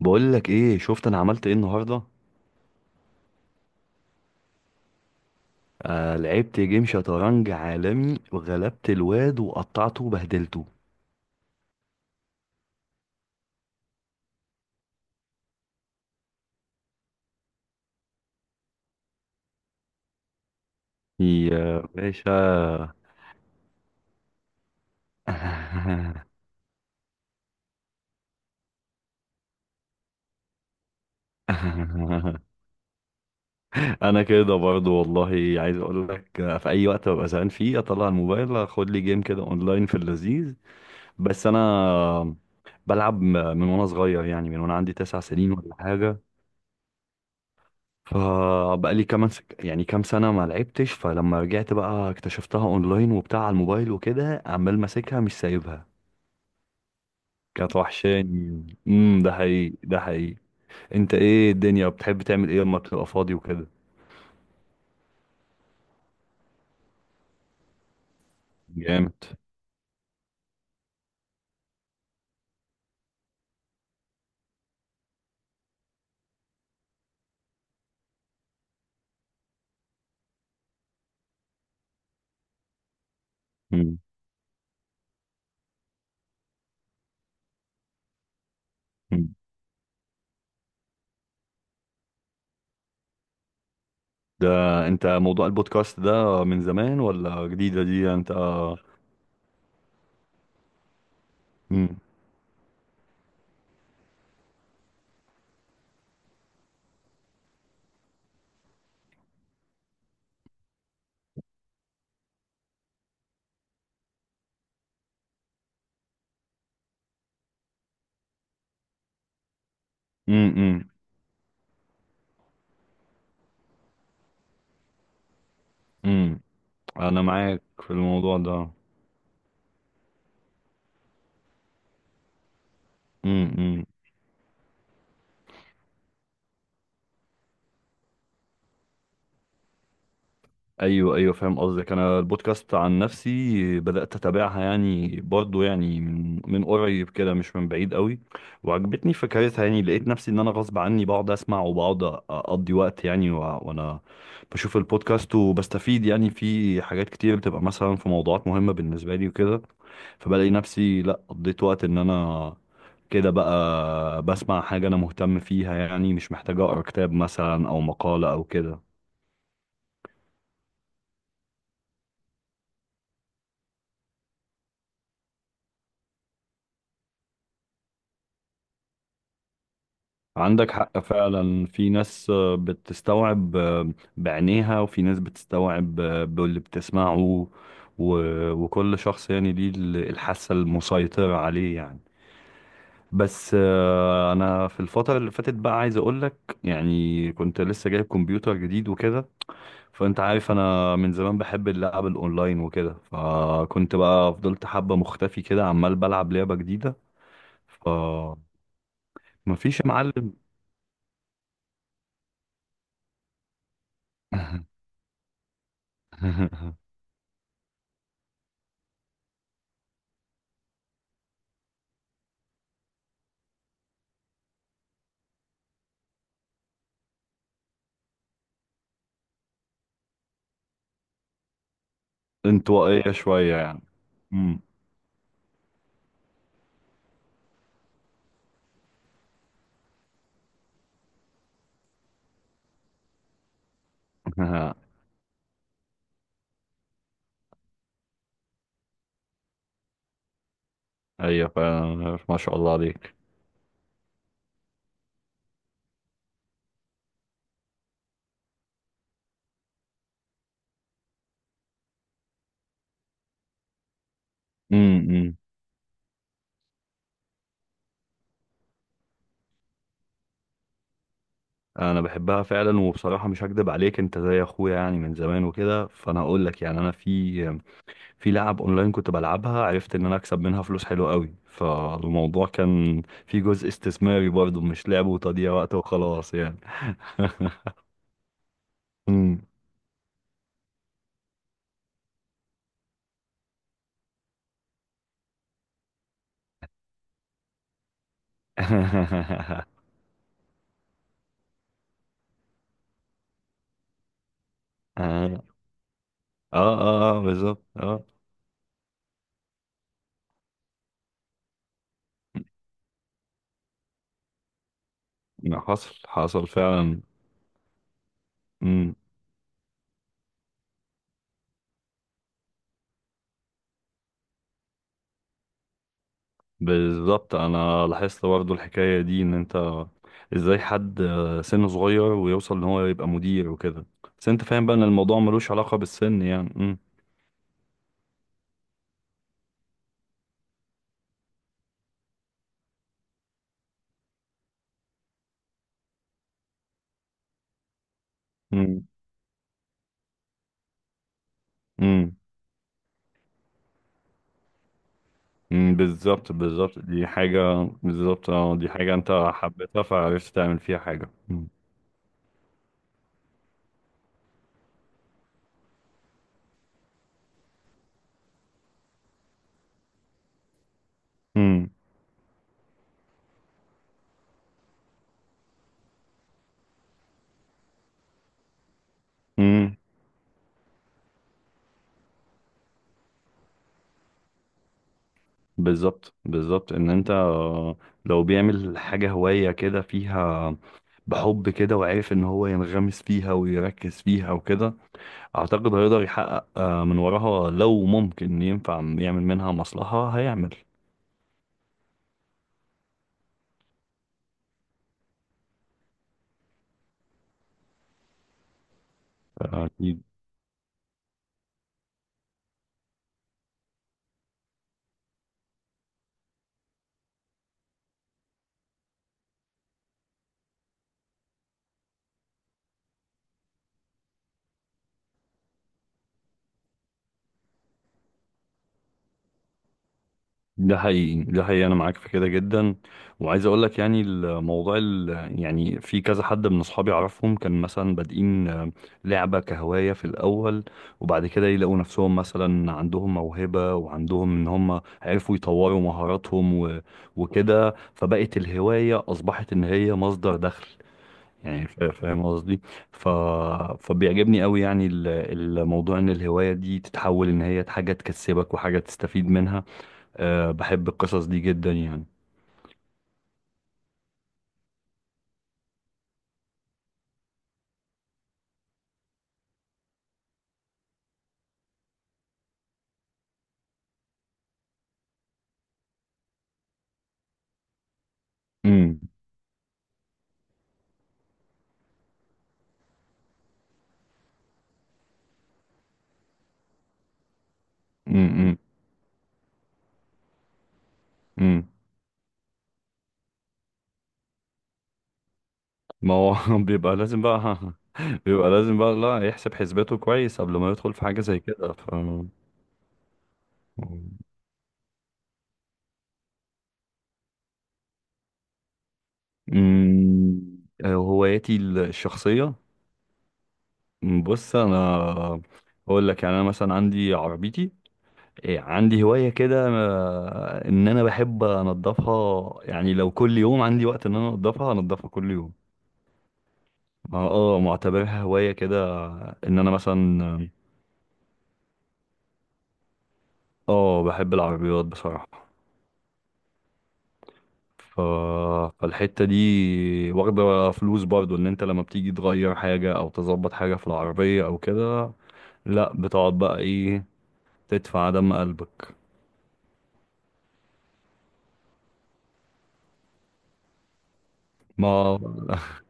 بقول لك ايه، شفت انا عملت ايه النهارده؟ آه لعبت جيم شطرنج عالمي وغلبت الواد وقطعته وبهدلته. يا باشا. انا كده برضو والله. عايز اقول لك في اي وقت ببقى زهقان فيه اطلع الموبايل اخد لي جيم كده اونلاين في اللذيذ. بس انا بلعب من وانا صغير، يعني من وانا عندي 9 سنين ولا حاجه. فبقالي كمان يعني كام سنة ما لعبتش، فلما رجعت بقى اكتشفتها اونلاين وبتاع على الموبايل وكده عمال ماسكها مش سايبها. كانت وحشاني. ده حقيقي، ده حقيقي. انت ايه الدنيا، بتحب تعمل ايه لما بتبقى فاضي وكده؟ جامد. مم. مم. ده انت موضوع البودكاست ده من زمان ولا جديدة دي انت؟ امم. امم. امم. انا معاك في الموضوع ده. مم. ايوه ايوه فاهم قصدك، انا البودكاست عن نفسي بدات اتابعها يعني برضو، يعني من قريب كده، مش من بعيد قوي. وعجبتني فكرتها، يعني لقيت نفسي ان انا غصب عني بقعد اسمع وبقعد اقضي وقت، يعني وانا بشوف البودكاست وبستفيد، يعني في حاجات كتير بتبقى مثلا في موضوعات مهمه بالنسبه لي وكده. فبلاقي نفسي لا قضيت وقت ان انا كده بقى بسمع حاجه انا مهتم فيها، يعني مش محتاج اقرا كتاب مثلا او مقاله او كده. عندك حق فعلا، في ناس بتستوعب بعينيها، وفي ناس بتستوعب باللي بتسمعه. وكل شخص يعني ليه الحاسة المسيطرة عليه يعني. بس انا في الفترة اللي فاتت بقى عايز اقولك، يعني كنت لسه جايب كمبيوتر جديد وكده. فانت عارف انا من زمان بحب اللعب الاونلاين وكده، فكنت بقى فضلت حبة مختفي كده عمال بلعب لعبة جديدة. فمفيش. يا معلم. انطوائية شوية يعني. امم. ايوه فعلا ما شاء الله عليك. امم. انا بحبها فعلا، وبصراحة مش هكدب عليك انت زي اخويا يعني من زمان وكده، فانا هقول لك يعني انا في في لعب اونلاين كنت بلعبها، عرفت ان انا اكسب منها فلوس حلوة قوي، فالموضوع كان في جزء استثماري برضه، مش لعب وتضييع وقت وخلاص يعني. امم. اه. اه. اه بالظبط اه. حصل حصل فعلا. بالظبط انا لاحظت برضه الحكايه دي، ان انت ازاي حد سنه صغير ويوصل ان هو يبقى مدير وكده؟ بس انت فاهم بقى ان الموضوع ملوش علاقه بالسن يعني. امم. امم. امم. أمم، بالظبط بالظبط، دي حاجه بالظبط، اه دي حاجه انت حبيتها فعرفت تعمل فيها حاجه. امم. امم. أمم، بالظبط بالظبط. ان انت لو بيعمل حاجه هوايه كده فيها، بحب كده، وعارف ان هو ينغمس فيها ويركز فيها وكده، اعتقد هيقدر يحقق من وراها، لو ممكن ينفع يعمل منها مصلحة هيعمل. أكيد. ده حقيقي، ده حقيقي، انا معاك في كده جدا. وعايز اقول لك يعني الموضوع يعني في كذا حد من اصحابي اعرفهم كان مثلا بادئين لعبة كهواية في الاول، وبعد كده يلاقوا نفسهم مثلا عندهم موهبة، وعندهم ان هم عرفوا يطوروا مهاراتهم وكده، فبقت الهواية اصبحت ان هي مصدر دخل، يعني فاهم قصدي؟ ف... فبيعجبني قوي يعني الموضوع ان الهواية دي تتحول ان هي حاجة تكسبك وحاجة تستفيد منها. أه بحب القصص دي جدا يعني. امم. امم. امم. ما هو. بيبقى لازم بقى. بيبقى لازم بقى لا يحسب حسباته كويس قبل ما يدخل في حاجة زي كده. ف. امم. هواياتي الشخصية. بص انا اقول لك يعني انا مثلا عندي عربيتي، إيه عندي هواية كده، إن أنا بحب أنضفها، يعني لو كل يوم عندي وقت إن أنا أنضفها أنضفها كل يوم. اه معتبرها هواية كده، إن أنا مثلا اه بحب العربيات بصراحة. ف... فالحتة دي واخدة فلوس برضو، إن أنت لما بتيجي تغير حاجة أو تظبط حاجة في العربية أو كده، لأ بتقعد بقى إيه تدفع دم قلبك. ما.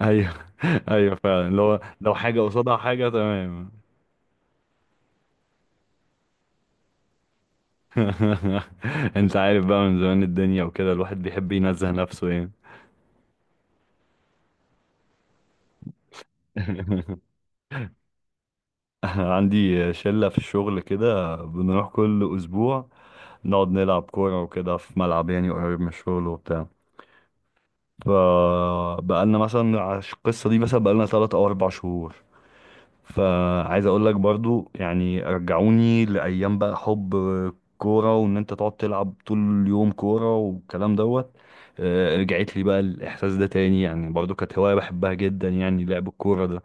ايوه. ايوه فعلا، لو حاجه قصادها حاجه تمام. انت عارف بقى من زمان الدنيا وكده، الواحد بيحب ينزه نفسه يعني. عندي شلة في الشغل كده بنروح كل أسبوع نقعد نلعب كورة وكده في ملعب يعني قريب من الشغل وبتاع. فبقالنا مثلا على القصة دي مثلا بقالنا 3 أو 4 شهور. فعايز اقول لك برضو يعني رجعوني لايام بقى حب كوره، وان انت تقعد تلعب طول اليوم كوره والكلام دوت. رجعت لي بقى الاحساس ده تاني، يعني برضو كانت هوايه بحبها جدا يعني، لعب الكوره ده.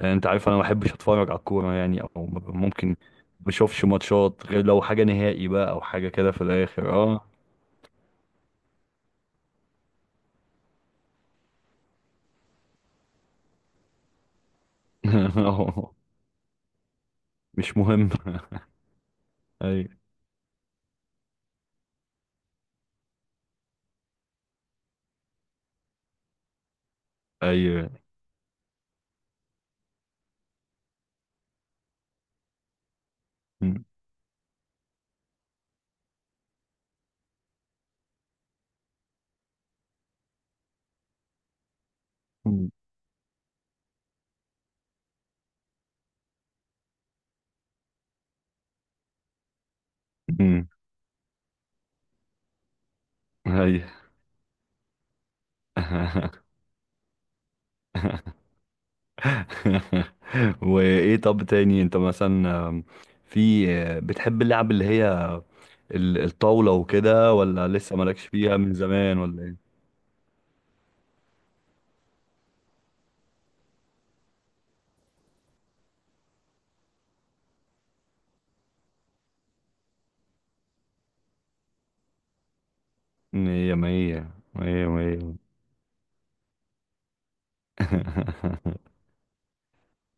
انت عارف انا ما بحبش اتفرج على الكوره يعني، او ممكن ما بشوفش ماتشات غير لو حاجه نهائي بقى، او حاجه كده في الاخر اه. آه، مش مهم. ايوه ايوه. أمم، أمم، ايوه. وايه؟ طب تاني انت مثلا في بتحب اللعب اللي هي الطاولة وكده، ولا لسه مالكش فيها من زمان ولا ايه؟ مية مية مية مية.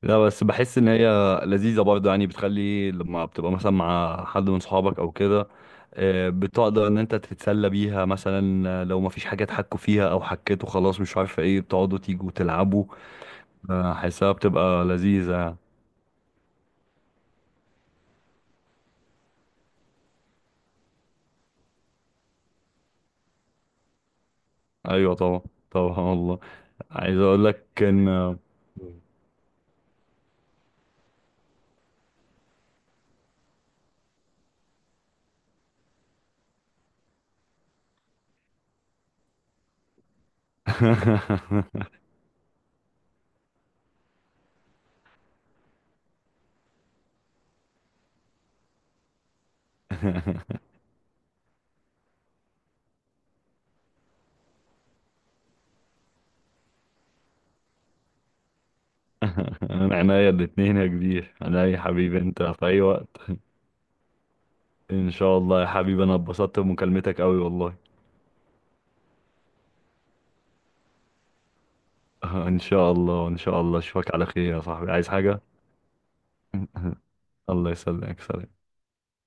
لا بس بحس ان هي لذيذة برضه يعني، بتخلي لما بتبقى مثلا مع حد من صحابك او كده، بتقدر ان انت تتسلى بيها، مثلا لو مفيش حاجة تحكوا فيها او حكيتوا خلاص مش عارفة ايه، بتقعدوا تيجوا تلعبوا. حاسها بتبقى لذيذة يعني. ايوه طبعا. طبعا والله. عايز اقول لك كان. انا عينيا الاتنين يا كبير، انا يا حبيبي انت في اي وقت. ان شاء الله يا حبيبي، انا اتبسطت بمكالمتك قوي والله. ان شاء الله ان شاء الله، اشوفك على خير يا صاحبي، عايز حاجة؟ الله يسلمك، سلام.